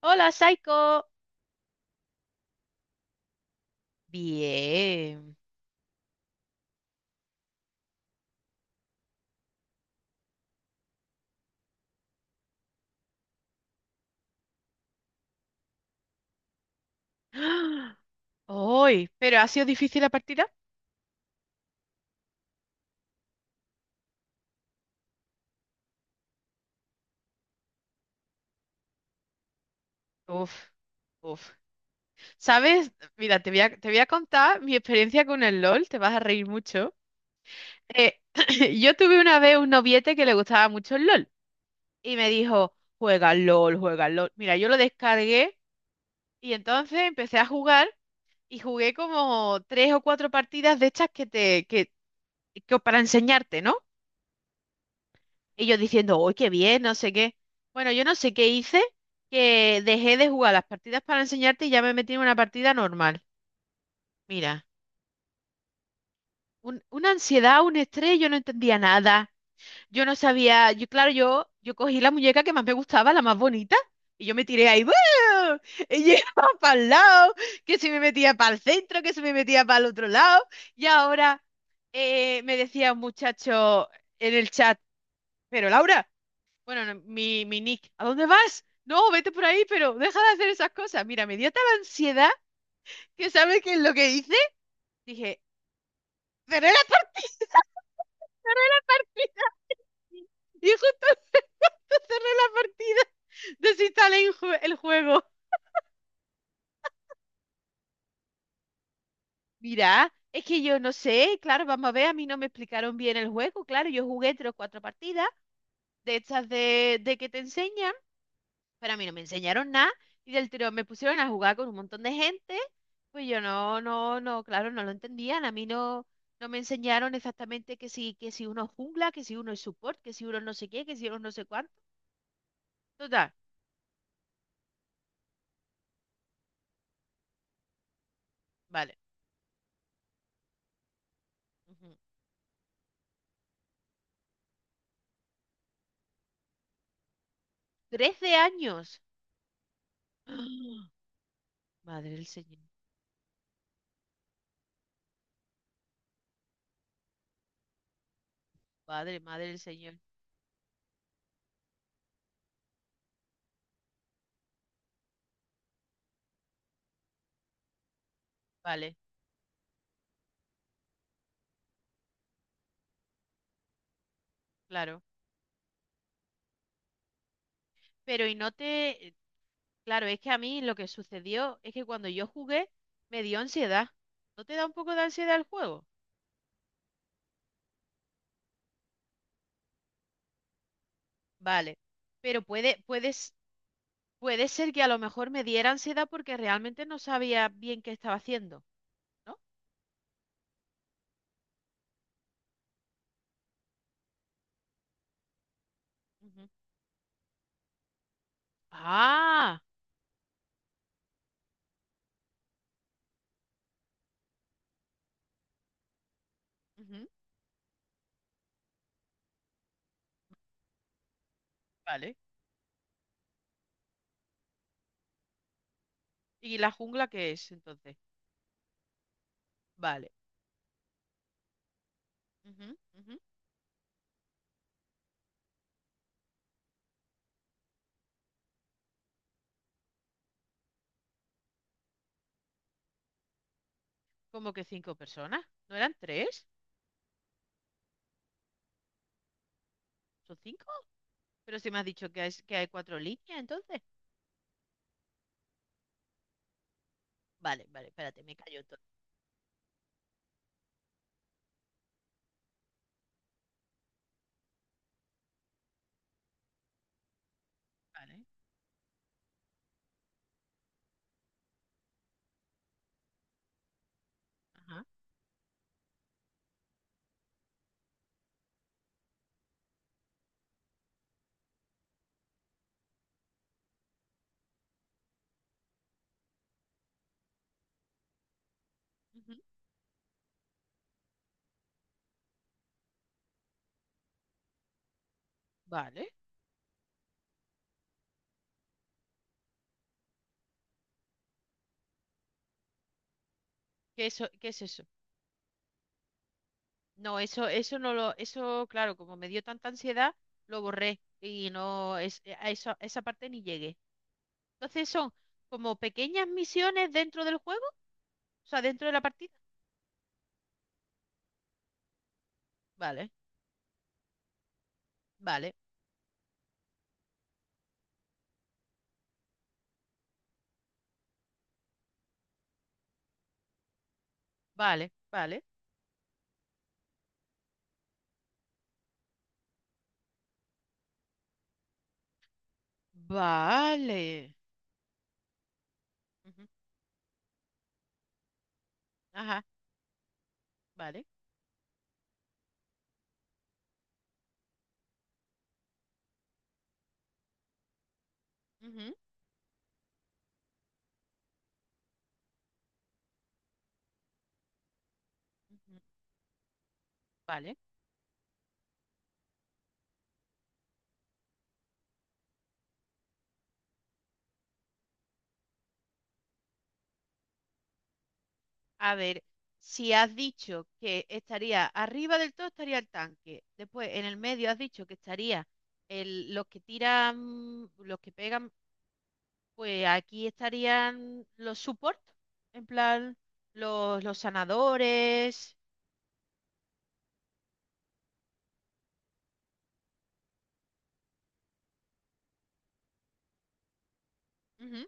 Hola, Saiko. Bien. Hoy, pero ha sido difícil la partida. Uf, uf. ¿Sabes? Mira, te voy a contar mi experiencia con el LOL. Te vas a reír mucho. Eh, yo tuve una vez un noviete que le gustaba mucho el LOL y me dijo, juega al LOL, juega al LOL. Mira, yo lo descargué y entonces empecé a jugar y jugué como tres o cuatro partidas de estas que para enseñarte, ¿no? Y yo diciendo, uy, qué bien, no sé qué. Bueno, yo no sé qué hice, que dejé de jugar las partidas para enseñarte y ya me metí en una partida normal. Mira, una ansiedad, un estrés, yo no entendía nada. Yo no sabía, yo claro, yo cogí la muñeca que más me gustaba, la más bonita, y yo me tiré ahí, ¡buah! y llegaba para el lado, que se me metía para el centro, que se me metía para el otro lado. Y ahora me decía un muchacho en el chat, pero Laura. Bueno, no, mi Nick, ¿a dónde vas? No, vete por ahí, pero deja de hacer esas cosas. Mira, me dio tal ansiedad que ¿sabes qué es lo que hice? Dije, cerré la partida. Y justo cerré la partida. Desinstalé el juego. Mira, es que yo no sé, claro, vamos a ver, a mí no me explicaron bien el juego, claro, yo jugué tres o cuatro partidas de estas de que te enseñan, pero a mí no me enseñaron nada y del tirón me pusieron a jugar con un montón de gente, pues yo no, claro, no lo entendían, a mí no, no me enseñaron exactamente que si uno es jungla, que si uno es support, que si uno no sé qué, que si uno no sé cuánto, total, vale. Ujú. 13 años. Madre del Señor, padre, madre del Señor, vale, claro. Pero y no te, claro, es que a mí lo que sucedió es que cuando yo jugué me dio ansiedad. ¿No te da un poco de ansiedad el juego? Vale, pero puede ser que a lo mejor me diera ansiedad porque realmente no sabía bien qué estaba haciendo, ¿no? Ujú. Ah, ujú, vale. ¿Y la jungla qué es entonces? Vale. Ujú, ujú. ¿Cómo que cinco personas? ¿No eran tres? ¿Son cinco? Pero si me has dicho que hay cuatro líneas, entonces. Vale, vale, espérate, me callo todo. Vale. Ajá. Ujú, vale. ¿Qué, qué es eso? No, eso no lo, eso, claro, como me dio tanta ansiedad, lo borré y no, es, a eso, a esa parte ni llegué. Entonces son como pequeñas misiones dentro del juego, o sea, dentro de la partida. Vale, vale, vale, vale, vale. Ujú, ajá, vale. Ujú, ujú, vale. A ver, si has dicho que estaría arriba del todo, estaría el tanque. Después, en el medio has dicho que estaría los que tiran, los que pegan. Pues aquí estarían los support, en plan los sanadores. Ujú,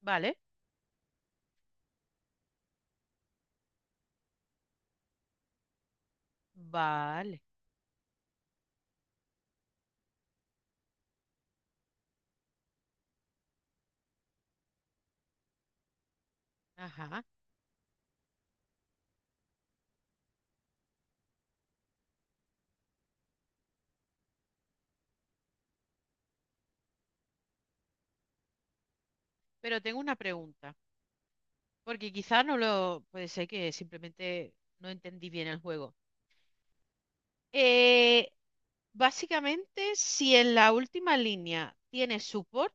vale, vale. Ajá. Pero tengo una pregunta, porque quizá no lo... Puede ser que simplemente no entendí bien el juego. Eh, básicamente, si en la última línea tienes support,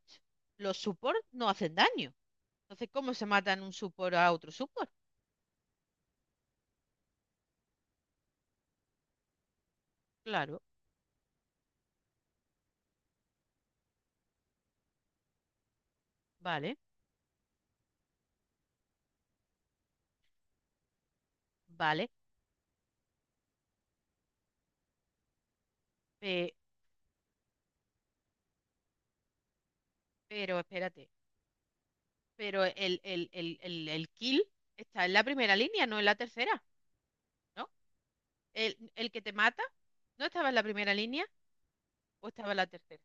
los support no hacen daño. Entonces, ¿cómo se matan un support a otro support? Claro, vale, vale. pe- pero espérate. Pero el kill está en la primera línea, no en la tercera, ¿no? El que te mata no estaba en la primera línea o estaba en la tercera.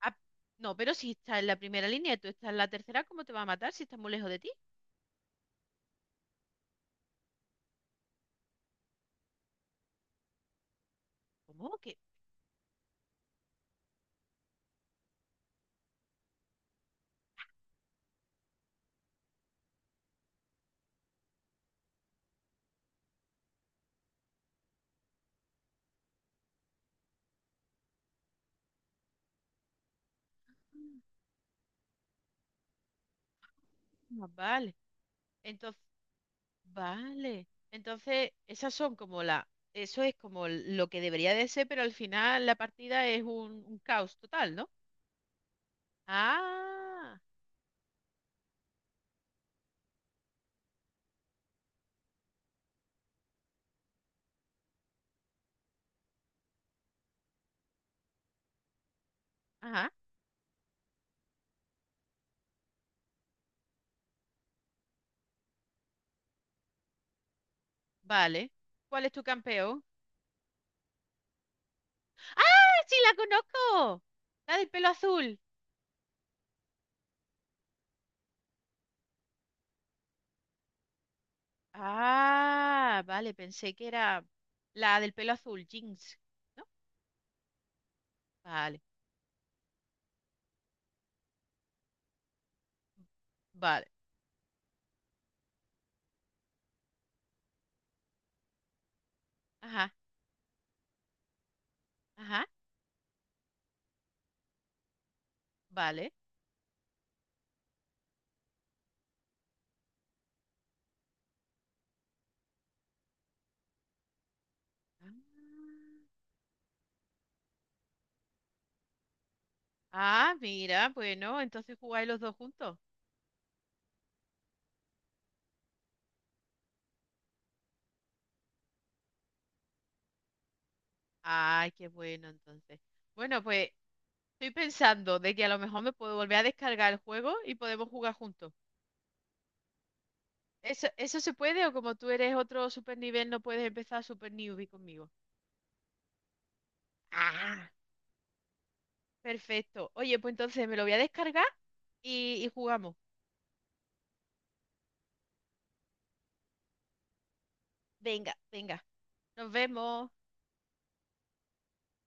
Ah, no, pero si está en la primera línea y tú estás en la tercera, ¿cómo te va a matar si está muy lejos de ti? ¿Cómo que? Ah, vale. Entonces, vale. Entonces, esas son como la, eso es como lo que debería de ser, pero al final la partida es un caos total, ¿no? Ah, ajá, vale. ¿Cuál es tu campeón? Ah, sí, la conozco. La del pelo azul. Ah, vale, pensé que era la del pelo azul, Jinx. ¿No? Vale, vale. Ajá, ajá, vale. Ah, ah, mira, bueno, entonces jugáis los dos juntos. Ay, qué bueno, entonces. Bueno, pues estoy pensando de que a lo mejor me puedo volver a descargar el juego y podemos jugar juntos. ¿Eso, eso se puede o como tú eres otro super nivel no puedes empezar super newbie conmigo? Ah. Perfecto. Oye, pues entonces me lo voy a descargar y jugamos. Venga, venga. Nos vemos.